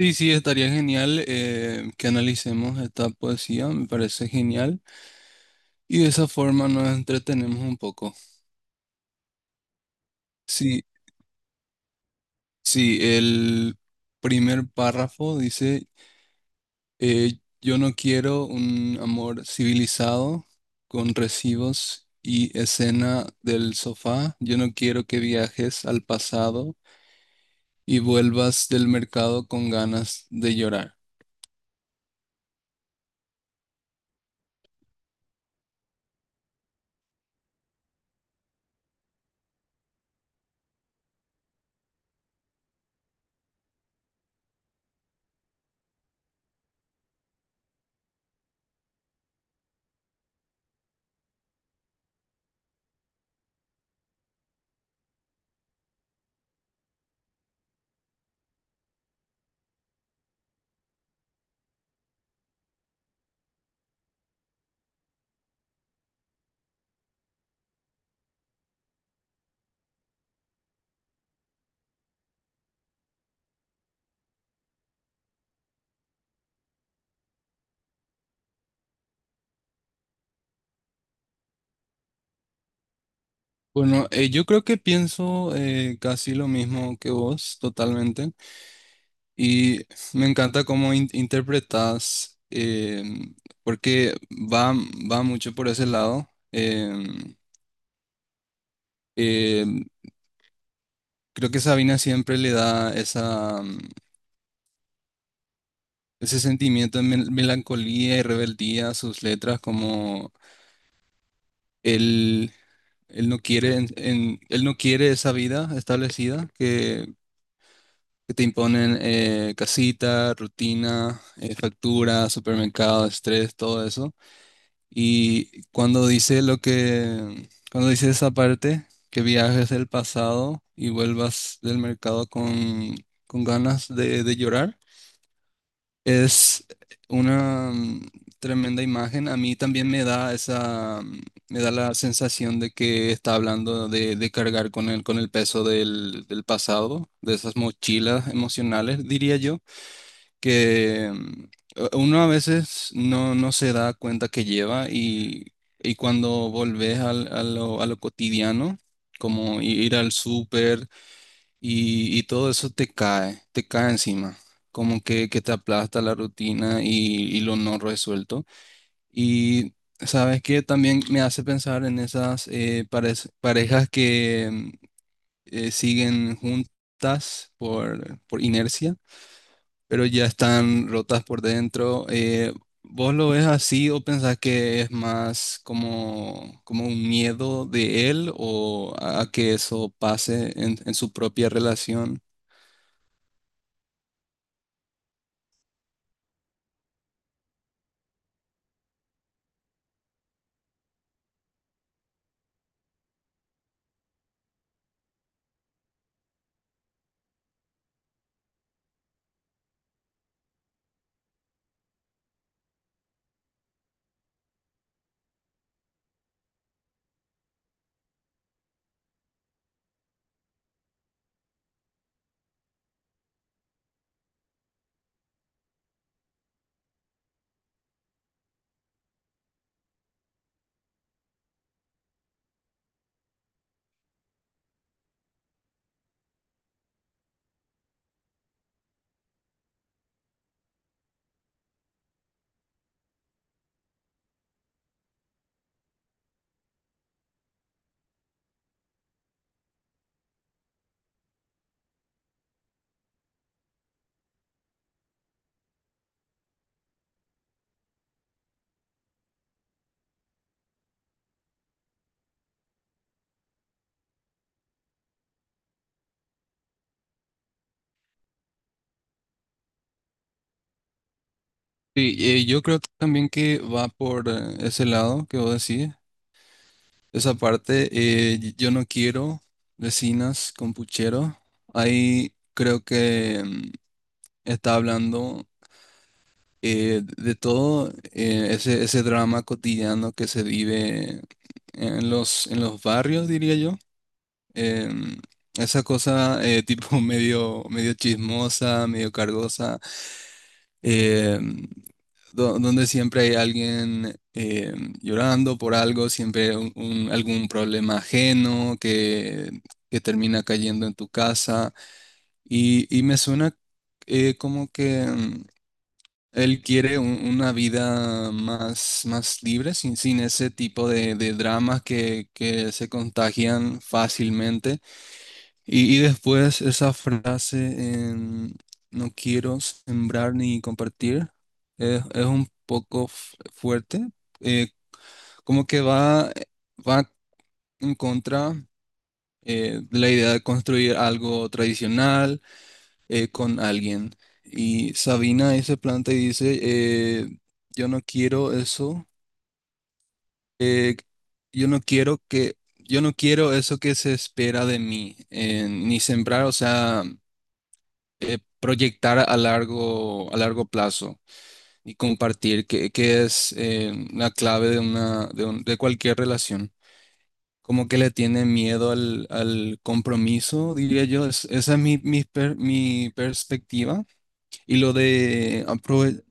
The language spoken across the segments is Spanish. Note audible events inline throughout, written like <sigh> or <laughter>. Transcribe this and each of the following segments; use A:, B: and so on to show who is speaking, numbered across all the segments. A: Sí, sí, estaría genial que analicemos esta poesía, me parece genial. Y de esa forma nos entretenemos un poco. Sí, sí, el primer párrafo dice, yo no quiero un amor civilizado con recibos y escena del sofá. Yo no quiero que viajes al pasado y vuelvas del mercado con ganas de llorar. Bueno, yo creo que pienso casi lo mismo que vos, totalmente. Y me encanta cómo interpretas, porque va mucho por ese lado. em, em, creo que Sabina siempre le da ese sentimiento de melancolía y rebeldía a sus letras, como él, él no quiere esa vida establecida que te imponen casita, rutina, factura, supermercado, estrés, todo eso. Y cuando dice cuando dice esa parte, que viajes del pasado y vuelvas del mercado con ganas de llorar, es una tremenda imagen. A mí también me da la sensación de que está hablando de cargar con el peso del pasado, de esas mochilas emocionales, diría yo que uno a veces no se da cuenta que lleva y cuando volvés a lo cotidiano, como ir al súper y todo eso te cae encima, como que te aplasta la rutina y lo no resuelto. Y sabes que también me hace pensar en esas parejas que siguen juntas por inercia pero ya están rotas por dentro. ¿Vos lo ves así o pensás que es más como un miedo de él o a que eso pase en su propia relación? Sí, yo creo también que va por ese lado que vos decís, esa parte, yo no quiero vecinas con puchero, ahí creo que está hablando de todo ese drama cotidiano que se vive en los barrios, diría yo. Em, esa cosa tipo <laughs> medio, medio chismosa, medio cargosa, em, donde siempre hay alguien llorando por algo, siempre algún problema ajeno que termina cayendo en tu casa. Y me suena como que, él quiere una vida más libre, sin ese tipo de dramas que se contagian fácilmente. Y después esa frase, en, no quiero sembrar ni compartir, es un poco fuerte, eh, como que va en contra de la idea de construir algo tradicional con alguien. Y Sabina ahí se planta y dice, yo no quiero eso, eh, yo no quiero que, yo no quiero eso que se espera de mí, ni sembrar, o sea, proyectar a largo plazo y compartir, que es la clave de una, de un- de cualquier relación. Como que le tiene miedo al compromiso, diría yo. Esa es mi mi perspectiva. Y lo de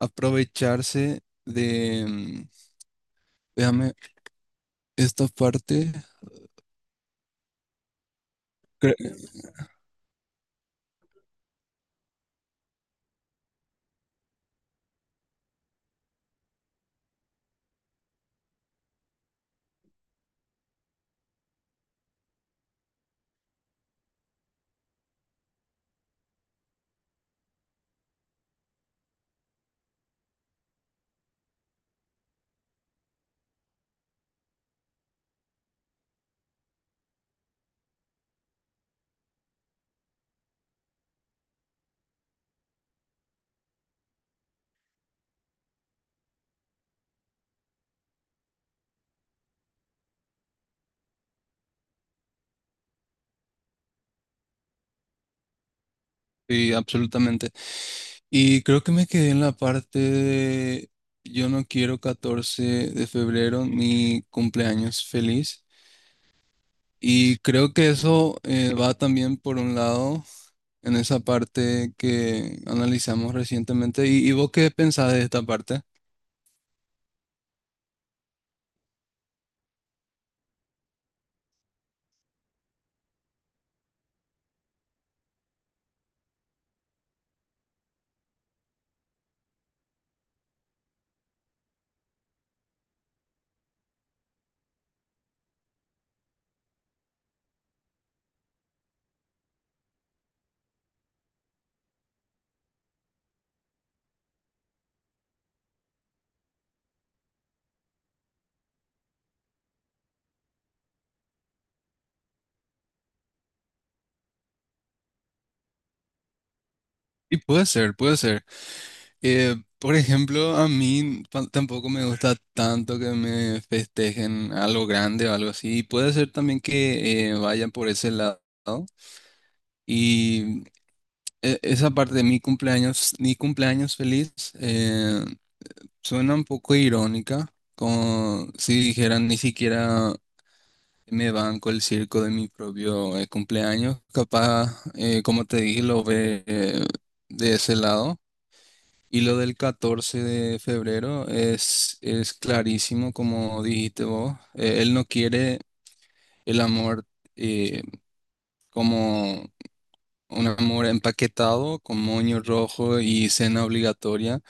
A: aprovecharse de, déjame, esta parte, cre- sí, absolutamente. Y creo que me quedé en la parte de, yo no quiero 14 de febrero, mi cumpleaños feliz. Y creo que eso va también por un lado en esa parte que analizamos recientemente. ¿Y vos qué pensás de esta parte? Y puede ser, puede ser. Por ejemplo, a mí tampoco me gusta tanto que me festejen algo grande o algo así. Puede ser también que vayan por ese lado. Y esa parte de mi cumpleaños feliz, eh, suena un poco irónica, como si dijeran ni siquiera me banco el circo de mi propio cumpleaños. Capaz, como te dije, lo ve de ese lado. Y lo del 14 de febrero es clarísimo, como dijiste vos. Él no quiere el amor eh, como un amor empaquetado, con moño rojo y cena obligatoria.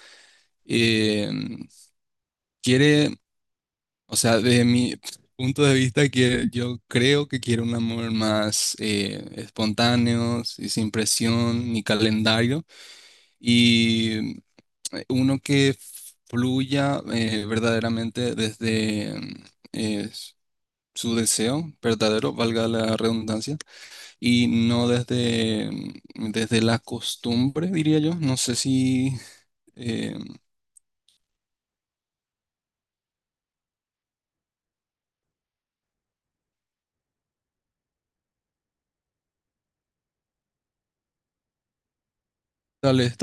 A: Eh, quiere, o sea, de mi punto de vista, que yo creo que quiere un amor más espontáneo, y sin presión ni calendario. Y uno que fluya verdaderamente desde eh, su deseo verdadero, valga la redundancia, y no desde la costumbre, diría yo. No sé si eh, tal vez,